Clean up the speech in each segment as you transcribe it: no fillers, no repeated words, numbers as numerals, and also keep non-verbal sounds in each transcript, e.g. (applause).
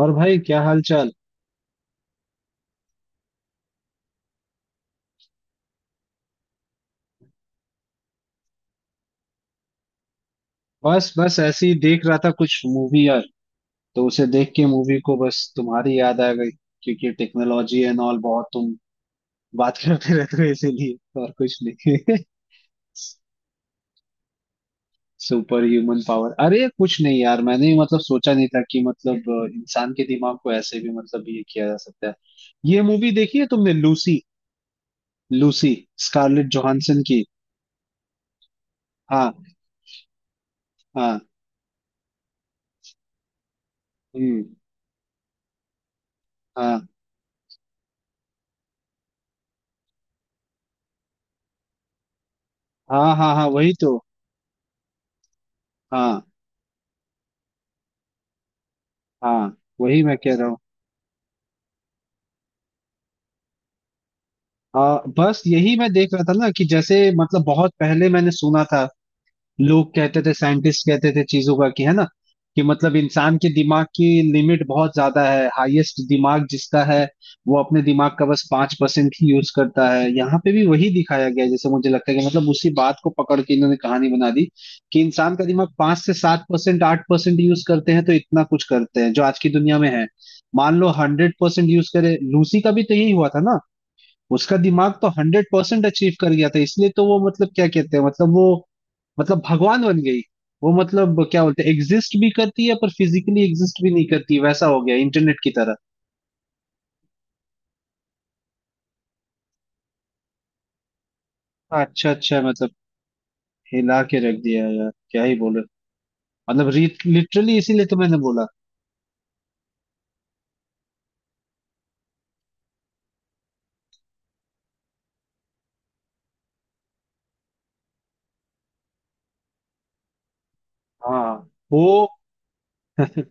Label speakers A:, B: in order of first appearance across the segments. A: और भाई क्या हाल चाल। बस बस ऐसे ही देख रहा था कुछ मूवी यार। तो उसे देख के मूवी को बस तुम्हारी याद आ गई क्योंकि टेक्नोलॉजी एंड ऑल बहुत तुम बात करते (laughs) रहते हो इसीलिए और कुछ नहीं। (laughs) Super human power. अरे कुछ नहीं यार, मैंने ही मतलब सोचा नहीं था कि मतलब इंसान के दिमाग को ऐसे भी मतलब ये किया जा सकता है। ये मूवी देखी है तुमने, लूसी? लूसी, स्कारलेट जोहानसन की। हाँ। हाँ। हम्म। हाँ हाँ हाँ हाँ, वही तो। हाँ। हाँ वही मैं कह रहा हूँ। हाँ बस यही मैं देख रहा था ना कि जैसे मतलब बहुत पहले मैंने सुना था। लोग कहते थे, साइंटिस्ट कहते थे चीजों का, कि है ना कि मतलब इंसान के दिमाग की लिमिट बहुत ज्यादा है। हाईएस्ट दिमाग जिसका है वो अपने दिमाग का बस पांच परसेंट ही यूज करता है। यहाँ पे भी वही दिखाया गया है, जैसे मुझे लगता है कि मतलब उसी बात को पकड़ के इन्होंने कहानी बना दी कि इंसान का दिमाग पांच से सात परसेंट आठ परसेंट यूज करते हैं तो इतना कुछ करते हैं जो आज की दुनिया में है। मान लो हंड्रेड परसेंट यूज करे, लूसी का भी तो यही हुआ था ना। उसका दिमाग तो हंड्रेड परसेंट अचीव कर गया था, इसलिए तो वो मतलब क्या कहते हैं मतलब वो मतलब भगवान बन गई। वो मतलब क्या बोलते हैं, एग्जिस्ट भी करती है पर फिजिकली एग्जिस्ट भी नहीं करती, वैसा हो गया इंटरनेट की तरह। अच्छा अच्छा मतलब, हिला के रख दिया यार। क्या ही बोले मतलब, लिटरली इसीलिए तो मैंने बोला। हाँ वो (laughs)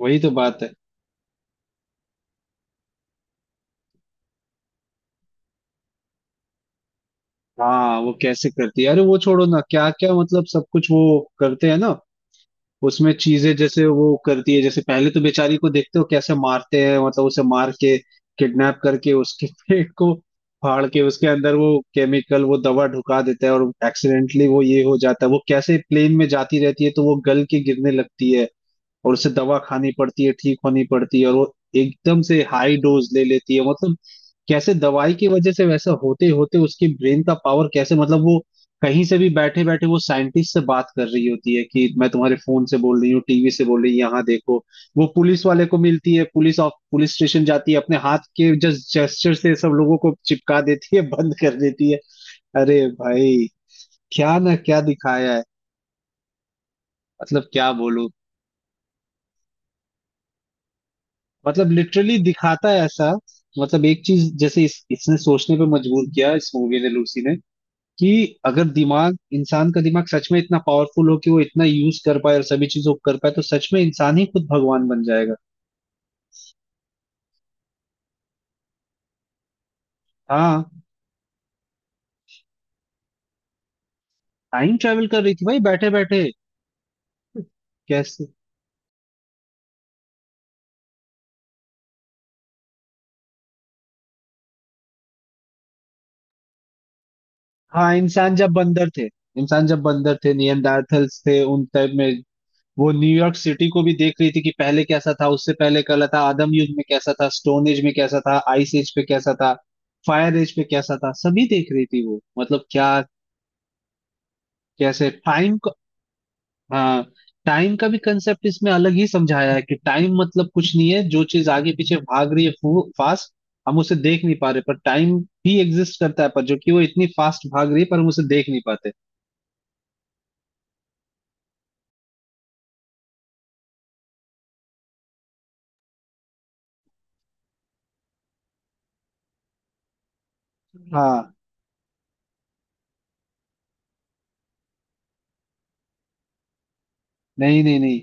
A: वही तो बात है। हाँ वो कैसे करती है, अरे वो छोड़ो ना क्या क्या मतलब सब कुछ वो करते हैं ना उसमें। चीजें जैसे वो करती है, जैसे पहले तो बेचारी को देखते हो कैसे मारते हैं मतलब उसे मार के किडनैप करके उसके (laughs) पेट को फाड़ के उसके अंदर वो केमिकल वो दवा ढुका देता है और एक्सीडेंटली वो ये हो जाता है। वो कैसे प्लेन में जाती रहती है तो वो गल के गिरने लगती है और उसे दवा खानी पड़ती है, ठीक होनी पड़ती है, और वो एकदम से हाई डोज ले लेती है मतलब। कैसे दवाई की वजह से वैसा होते होते उसके ब्रेन का पावर कैसे मतलब वो कहीं से भी बैठे बैठे वो साइंटिस्ट से बात कर रही होती है कि मैं तुम्हारे फोन से बोल रही हूँ, टीवी से बोल रही हूँ, यहाँ देखो। वो पुलिस वाले को मिलती है, पुलिस ऑफ पुलिस स्टेशन जाती है, अपने हाथ के जस्ट जेस्चर से सब लोगों को चिपका देती है, बंद कर देती है। अरे भाई क्या ना क्या दिखाया है, मतलब क्या बोलूं। मतलब लिटरली दिखाता है ऐसा। मतलब एक चीज जैसे इसने सोचने पे मजबूर किया, इस मूवी ने, लूसी ने, कि अगर दिमाग इंसान का दिमाग सच में इतना पावरफुल हो कि वो इतना यूज कर पाए और सभी चीजों को कर पाए तो सच में इंसान ही खुद भगवान बन जाएगा। हाँ टाइम ट्रेवल कर रही थी भाई बैठे बैठे। कैसे। हाँ इंसान जब बंदर थे, इंसान जब बंदर थे नियंडार्थल्स थे, उन टाइप में। वो न्यूयॉर्क सिटी को भी देख रही थी कि पहले कैसा था, उससे पहले कैसा था, आदम युग में कैसा था, स्टोन एज में कैसा था, आइस एज पे कैसा था, फायर एज पे कैसा था, सभी देख रही थी वो, मतलब क्या। कैसे टाइम का। हाँ टाइम का भी कंसेप्ट इसमें अलग ही समझाया है कि टाइम मतलब कुछ नहीं है, जो चीज आगे पीछे भाग रही है फास्ट, हम उसे देख नहीं पा रहे। पर टाइम भी एग्जिस्ट करता है पर जो कि वो इतनी फास्ट भाग रही है पर हम उसे देख नहीं पाते। हाँ। नहीं नहीं नहीं,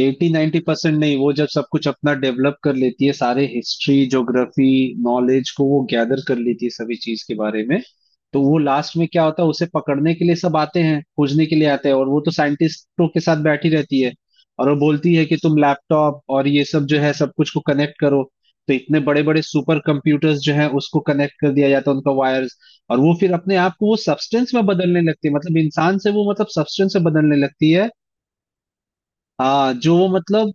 A: 80 90% नहीं। वो जब सब कुछ अपना डेवलप कर लेती है, सारे हिस्ट्री ज्योग्राफी नॉलेज को वो गैदर कर लेती है सभी चीज के बारे में, तो वो लास्ट में क्या होता है, उसे पकड़ने के लिए सब आते हैं, खोजने के लिए आते हैं और वो तो साइंटिस्टों के साथ बैठी रहती है। और वो बोलती है कि तुम लैपटॉप और ये सब जो है सब कुछ को कनेक्ट करो। तो इतने बड़े बड़े सुपर कंप्यूटर्स जो है उसको कनेक्ट कर दिया जाता है, उनका वायर्स। और वो फिर अपने आप को वो सब्सटेंस में बदलने लगती है, मतलब इंसान से वो मतलब सब्सटेंस में बदलने लगती है। हाँ जो वो मतलब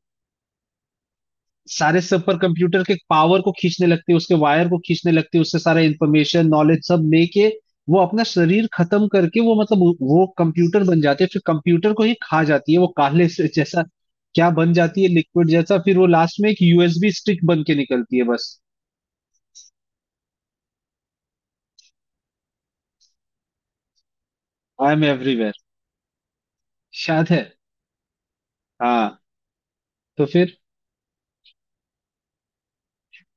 A: सारे सुपर कंप्यूटर के पावर को खींचने लगती है, उसके वायर को खींचने लगती है, उससे सारा इंफॉर्मेशन नॉलेज सब लेके वो अपना शरीर खत्म करके वो मतलब वो कंप्यूटर बन जाती है, फिर कंप्यूटर को ही खा जाती है। वो काले से जैसा क्या बन जाती है, लिक्विड जैसा, फिर वो लास्ट में एक यूएसबी स्टिक बन के निकलती है बस। आई एम एवरीवेयर, शायद है। हाँ। तो फिर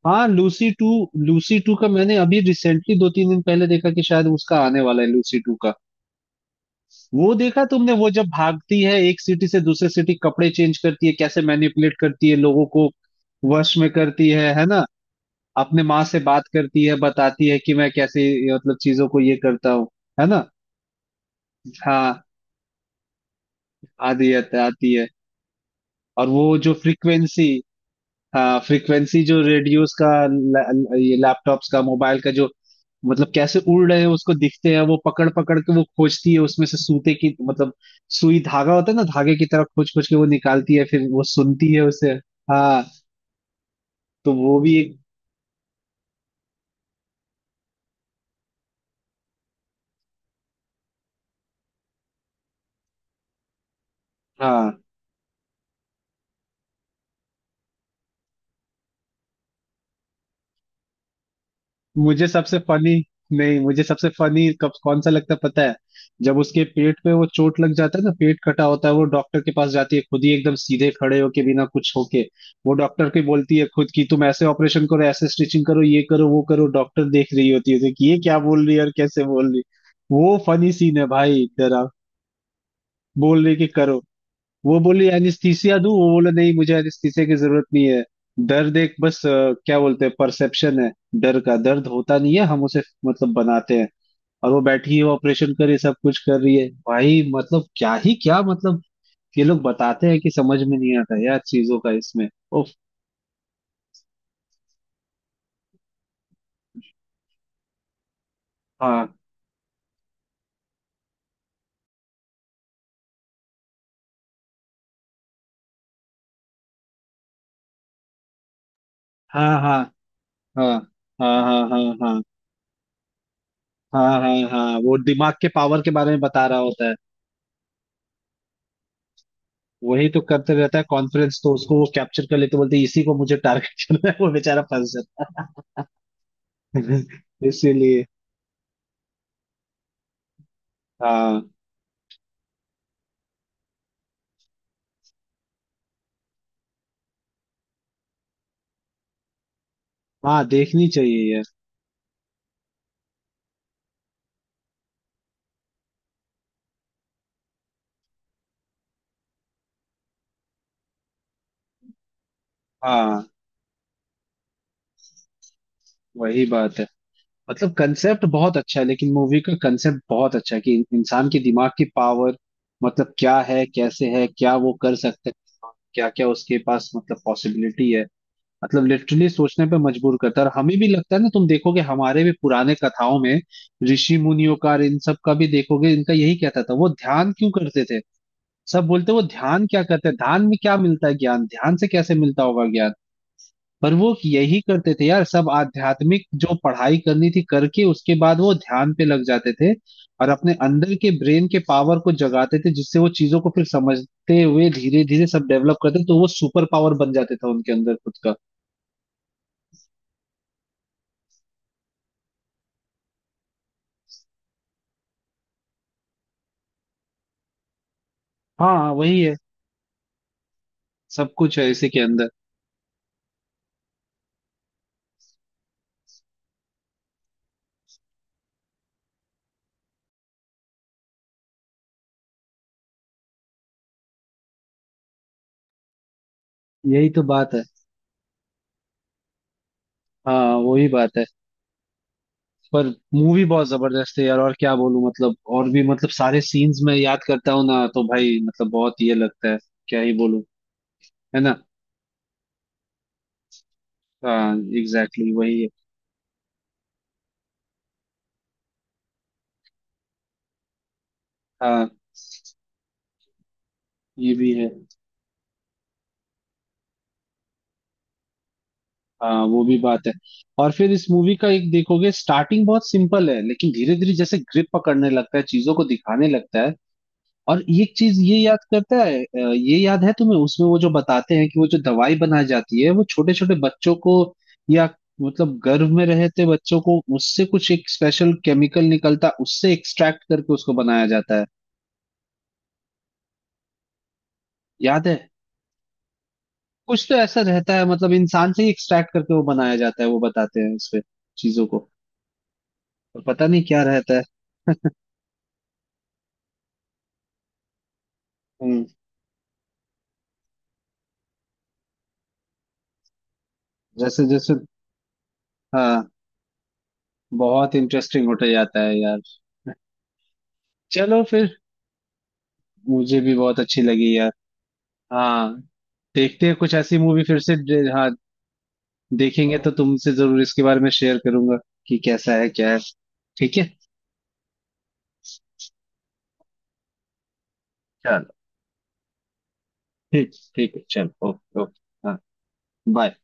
A: हाँ, लूसी टू, लूसी टू का मैंने अभी रिसेंटली दो तीन दिन पहले देखा कि शायद उसका आने वाला है, लूसी टू का। वो देखा तुमने, वो जब भागती है एक सिटी से दूसरे सिटी, कपड़े चेंज करती है, कैसे मैनिपुलेट करती है लोगों को, वश में करती है ना। अपने माँ से बात करती है, बताती है कि मैं कैसे मतलब चीजों को ये करता हूँ, है ना। हाँ आदि आती है। और वो जो फ्रीक्वेंसी। हाँ फ्रीक्वेंसी जो रेडियोस का ला- ला- ये लैपटॉप्स का मोबाइल का जो मतलब कैसे उड़ रहे हैं उसको दिखते हैं, वो पकड़ पकड़ के वो खोजती है उसमें से सूते की मतलब सुई धागा होता है ना, धागे की तरह खोज खोज के वो निकालती है, फिर वो सुनती है उसे। हाँ। तो वो भी एक। हाँ मुझे सबसे फनी, नहीं मुझे सबसे फनी कब कौन सा लगता है पता है? जब उसके पेट पे वो चोट लग जाता है ना, पेट कटा होता है, वो डॉक्टर के पास जाती है खुद ही एकदम सीधे खड़े होके बिना कुछ होके वो डॉक्टर को बोलती है खुद की तुम ऐसे ऑपरेशन करो, ऐसे स्टिचिंग करो, ये करो वो करो, डॉक्टर देख रही होती है उसे कि ये क्या बोल रही है और कैसे बोल रही है। वो फनी सीन है भाई तेरा। बोल रही है कि करो। वो बोली एनिस्थीसिया दूं, वो बोले नहीं मुझे एनिस्थीसिया की जरूरत नहीं है। दर्द एक बस क्या बोलते हैं परसेप्शन है, डर का दर्द होता नहीं है, हम उसे मतलब बनाते हैं। और वो बैठी है ऑपरेशन कर रही है, सब कुछ कर रही है भाई, मतलब क्या ही क्या मतलब ये लोग बताते हैं कि समझ में नहीं आता यार चीजों का इसमें। उफ। हाँ हाँ। हाँ हाँ हाँ हाँ। हाँ हाँ हाँ हाँ हाँ वो दिमाग के पावर के बारे में बता रहा होता है। वही तो करते रहता है कॉन्फ्रेंस, तो उसको वो कैप्चर कर लेते, बोलते इसी को मुझे टारगेट (laughs) करना है, वो बेचारा फंस। (laughs) इसीलिए। हाँ। हाँ देखनी चाहिए यार। हाँ वही बात है। मतलब कंसेप्ट बहुत अच्छा है, लेकिन मूवी का कंसेप्ट बहुत अच्छा है कि इंसान के दिमाग की पावर मतलब क्या है, कैसे है, क्या वो कर सकते हैं, क्या क्या उसके पास मतलब पॉसिबिलिटी है। मतलब लिटरली सोचने पे मजबूर करता है और हमें भी लगता है ना, तुम देखोगे हमारे भी पुराने कथाओं में ऋषि मुनियों का और इन सब का भी देखोगे इनका यही कहता था। वो ध्यान क्यों करते थे, सब बोलते हैं वो ध्यान क्या करते हैं, ध्यान में क्या मिलता है, ज्ञान ध्यान से कैसे मिलता होगा ज्ञान। पर वो यही करते थे यार, सब आध्यात्मिक जो पढ़ाई करनी थी करके उसके बाद वो ध्यान पे लग जाते थे और अपने अंदर के ब्रेन के पावर को जगाते थे, जिससे वो चीजों को फिर समझते हुए धीरे धीरे सब डेवलप करते तो वो सुपर पावर बन जाते था उनके अंदर खुद का। हाँ वही है, सब कुछ है इसी के अंदर। यही तो बात है। हाँ वही बात है। पर मूवी बहुत जबरदस्त है यार, और क्या बोलूं, मतलब और भी मतलब सारे सीन्स में याद करता हूँ ना तो भाई मतलब बहुत ये लगता है, क्या ही बोलूं, है ना। हाँ एग्जैक्टली, exactly, वही है। हाँ ये भी है। हाँ वो भी बात है। और फिर इस मूवी का एक देखोगे, स्टार्टिंग बहुत सिंपल है लेकिन धीरे धीरे जैसे ग्रिप पकड़ने लगता है, चीजों को दिखाने लगता है। और एक चीज ये याद करता है ये याद है तुम्हें, उसमें वो जो बताते हैं कि वो जो दवाई बनाई जाती है वो छोटे छोटे बच्चों को या मतलब गर्भ में रहते बच्चों को उससे कुछ एक स्पेशल केमिकल निकलता है, उससे एक्सट्रैक्ट करके उसको बनाया जाता है, याद है। कुछ तो ऐसा रहता है मतलब इंसान से ही एक्सट्रैक्ट करके वो बनाया जाता है, वो बताते हैं उसपे चीजों को। और पता नहीं क्या रहता है। हम्म। जैसे जैसे हाँ बहुत इंटरेस्टिंग होते जाता है यार। चलो फिर। मुझे भी बहुत अच्छी लगी यार। हाँ देखते हैं कुछ ऐसी मूवी फिर से हाँ देखेंगे तो तुमसे जरूर इसके बारे में शेयर करूंगा कि कैसा है क्या है। ठीक है। चलो ठीक, ठीक है चलो, ओके ओके हाँ। बाय।